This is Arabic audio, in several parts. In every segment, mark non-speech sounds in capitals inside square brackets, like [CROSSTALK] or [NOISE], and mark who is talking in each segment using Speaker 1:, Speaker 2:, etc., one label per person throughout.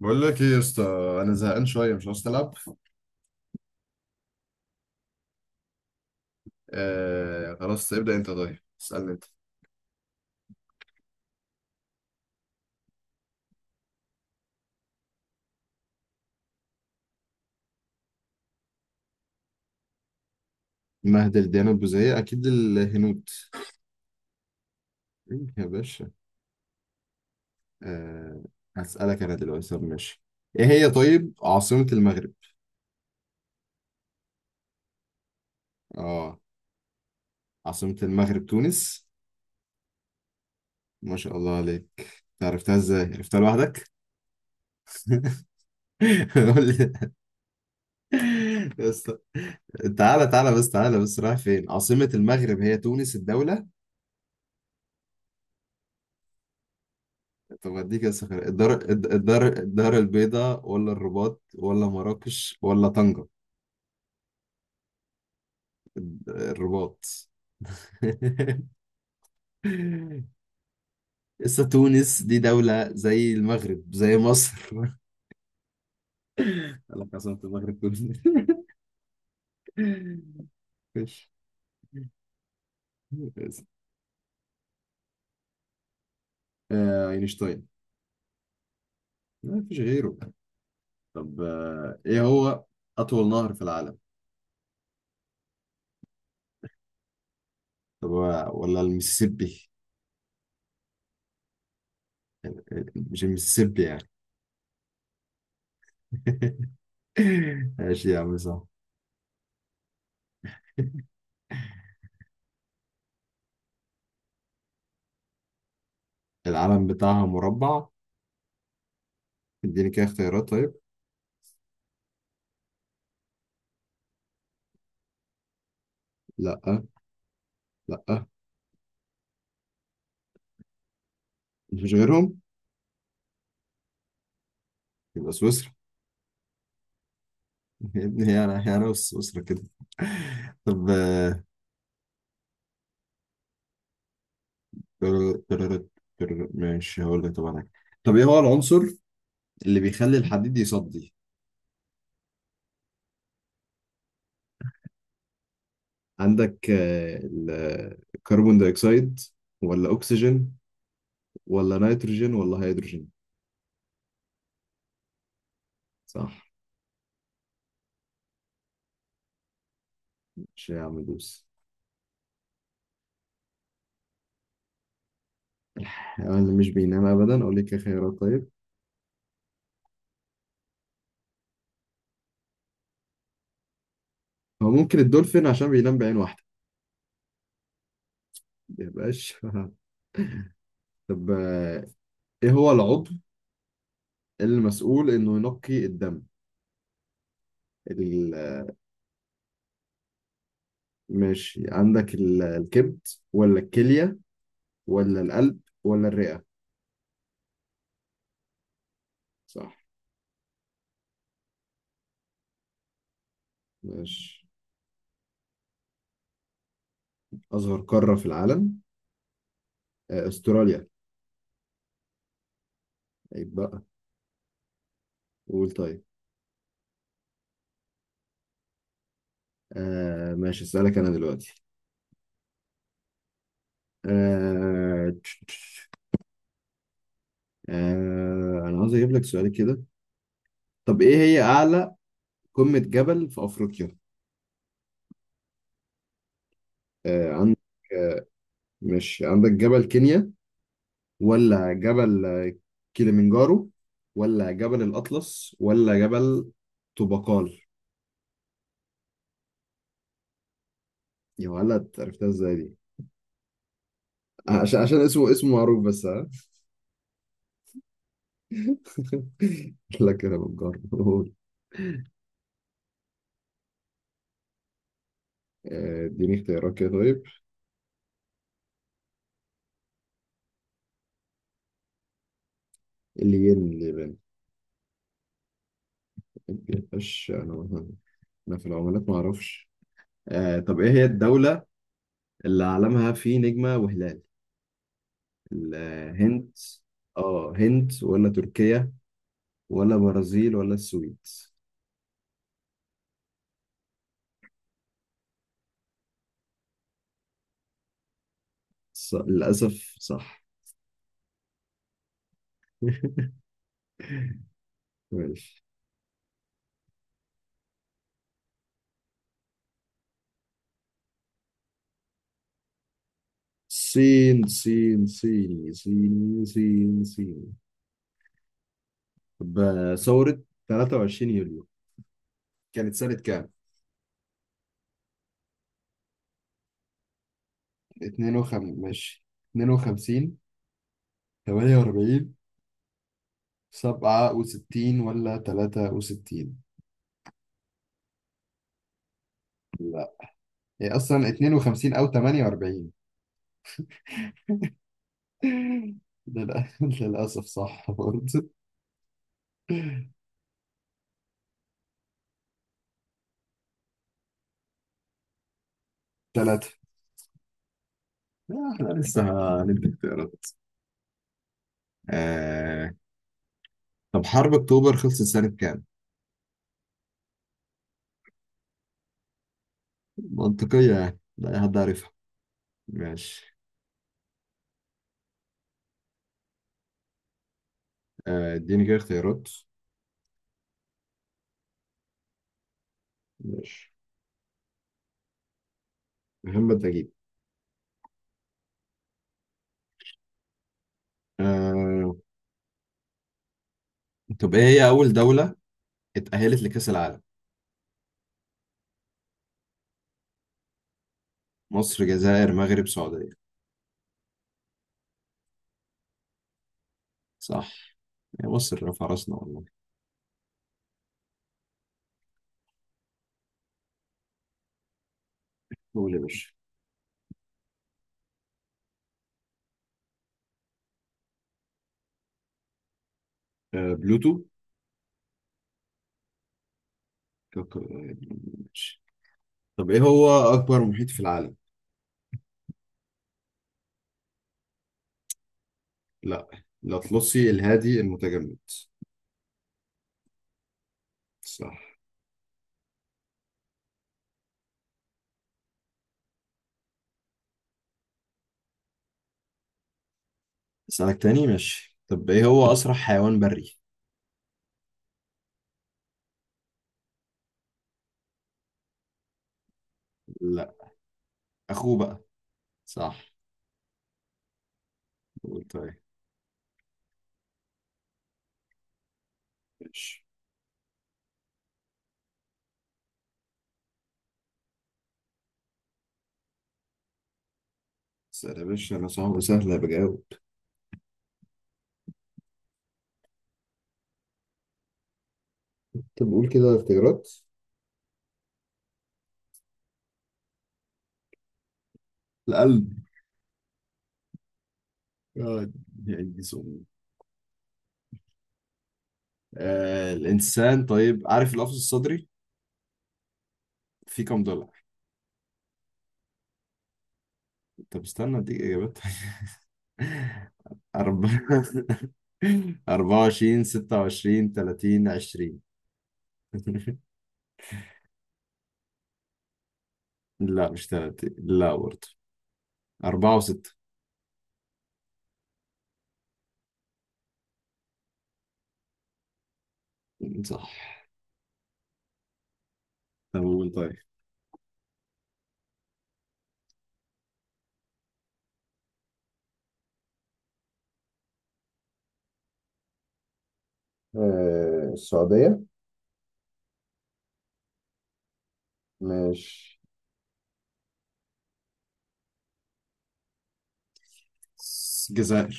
Speaker 1: بقول لك ايه يا اسطى؟ انا زهقان شويه، مش عاوز تلعب. آه، خلاص ابدا انت. طيب اسالني انت. مهدل ديانة البوذية أكيد الهنود. إيه يا باشا؟ آه. هسألك أنا دلوقتي، طب ماشي. إيه هي طيب عاصمة المغرب؟ آه. عاصمة المغرب تونس. ما شاء الله عليك، أنت عرفتها إزاي؟ عرفتها لوحدك؟ [LAUGHS] قول لي. بس تعالى تعالى بس تعالى بس رايح فين؟ عاصمة المغرب هي تونس الدولة. طب اديك يا سفر الدار. الدار الدار البيضاء ولا الرباط ولا مراكش ولا طنجة؟ الرباط. [LAUGHS] لسه تونس دي دولة زي المغرب زي مصر. [LAUGHS] قال لك عاصمة المغرب تونس. [LAUGHS] مفيش. اينشتاين. ما فيش غيره. طب ايه هو اطول نهر في العالم؟ طب ولا المسيسيبي؟ مش المسيسيبي يعني. [LAUGHS] ماشي يا عم، صح. العلم بتاعها مربع. اديني كده اختيارات طيب. لا. لا. مش غيرهم. يبقى سويسرا. [LAUGHS] يا ابني، هي انا هي انا وسويسرا كده. طب تر- تر- ماشي هقول لك طبعا حاجة. طب ايه هو العنصر اللي بيخلي الحديد يصدي؟ عندك الكربون دايوكسيد ولا اكسجين ولا نيتروجين ولا هيدروجين؟ صح. مش يا عم دوس. الحيوان اللي مش بينام ابدا، اقول لك إيه خيارات طيب. هو ممكن الدولفين عشان بينام بعين واحده. ما يبقاش. [LAUGHS] طب ايه هو العضو المسؤول انه ينقي الدم؟ ال- ماشي. عندك الكبد ولا الكلية ولا القلب ولا الرئة؟ صح. ماشي. أصغر قارة في العالم. أستراليا. عيب بقى. قول طيب. آه ماشي، أسألك أنا دلوقتي. آه... تش- تش- أنا عاوز أجيب لك سؤال كده. طب إيه هي أعلى قمة جبل في أفريقيا؟ آه عندك. آه، ماشي، عندك جبل كينيا ولا جبل كيليمنجارو ولا جبل الأطلس ولا جبل طوبقال؟ يا ولد، عرفتها ازاي دي؟ عشان اسمه معروف بس، ها. [LAUGHS] لك انا بتجرب، قول. اديني اختيارات كده طيب. الين اليابان. مش انا مثلا. انا في العملات ما اعرفش. آه، طب ايه هي الدولة اللي علمها فيه نجمة وهلال؟ الهند. اه، هند ولا تركيا ولا برازيل ولا السويد؟ للأسف صح. [LAUGHS] ماشي. سين صيني. طب ثورة 23 يوليو كانت سنة كام؟ 52 ماشي. 52، 48، 67 ولا 63؟ لا، هي أصلا 52 أو 48. [LAUGHS] للأسف صح برضه. ثلاثة. احنا لسه هندي اختيارات. آه... طب حرب أكتوبر خلصت سنة كام؟ منطقية يعني، لا أي حد عارف. ماشي. اديني كده اختيارات. ماشي. محمد نجيب. آه، طب ايه هي أول دولة اتأهلت لكأس العالم؟ مصر، جزائر، مغرب، سعودية؟ صح. يا مصر رفع راسنا والله. قول يا باشا. بلوتو. كوكب. ماشي. طب ايه هو أكبر محيط في العالم؟ لا، الأطلسي، الهادي، المتجمد؟ صح. أسألك تاني، ماشي. طب ايه هو أسرع حيوان بري؟ لا، أخوه بقى. صح. قول طيب. ماشي، سهل يا باشا أنا، صعب سهل بجاوب. طب قول كده اختيارات. القلب. آه، يعني سؤال. آه الإنسان، طيب عارف القفص الصدري فيه كام دولار؟ طب استنى أديك إجابات. [LAUGHS] أربعة. [LAUGHS] أربعة وعشرين، ستة وعشرين، تلاتين، عشرين. [LAUGHS] لا مش تلاتين لا برضه. أربعة وستة. صح. طب قول طيب. آه السعودية. مش. الجزائر.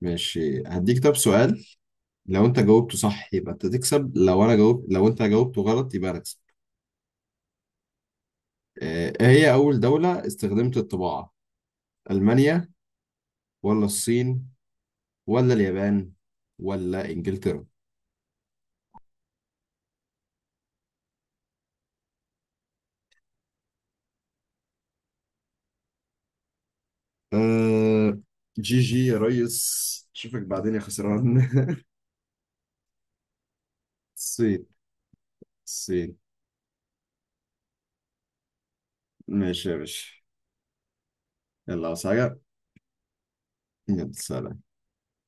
Speaker 1: ماشي، هديك طب سؤال. لو انت جاوبته صح يبقى انت تكسب، لو انا جاوب، لو انت جاوبته غلط يبقى انا اكسب. ايه هي اول دولة استخدمت الطباعة؟ المانيا ولا الصين ولا اليابان ولا انجلترا؟ آه. جي جي يا ريس، اشوفك بعدين يا خسران. [LAUGHS] الصين. الصين. ماشي يا باشا. يلا، عاوز حاجة؟ يلا سلام.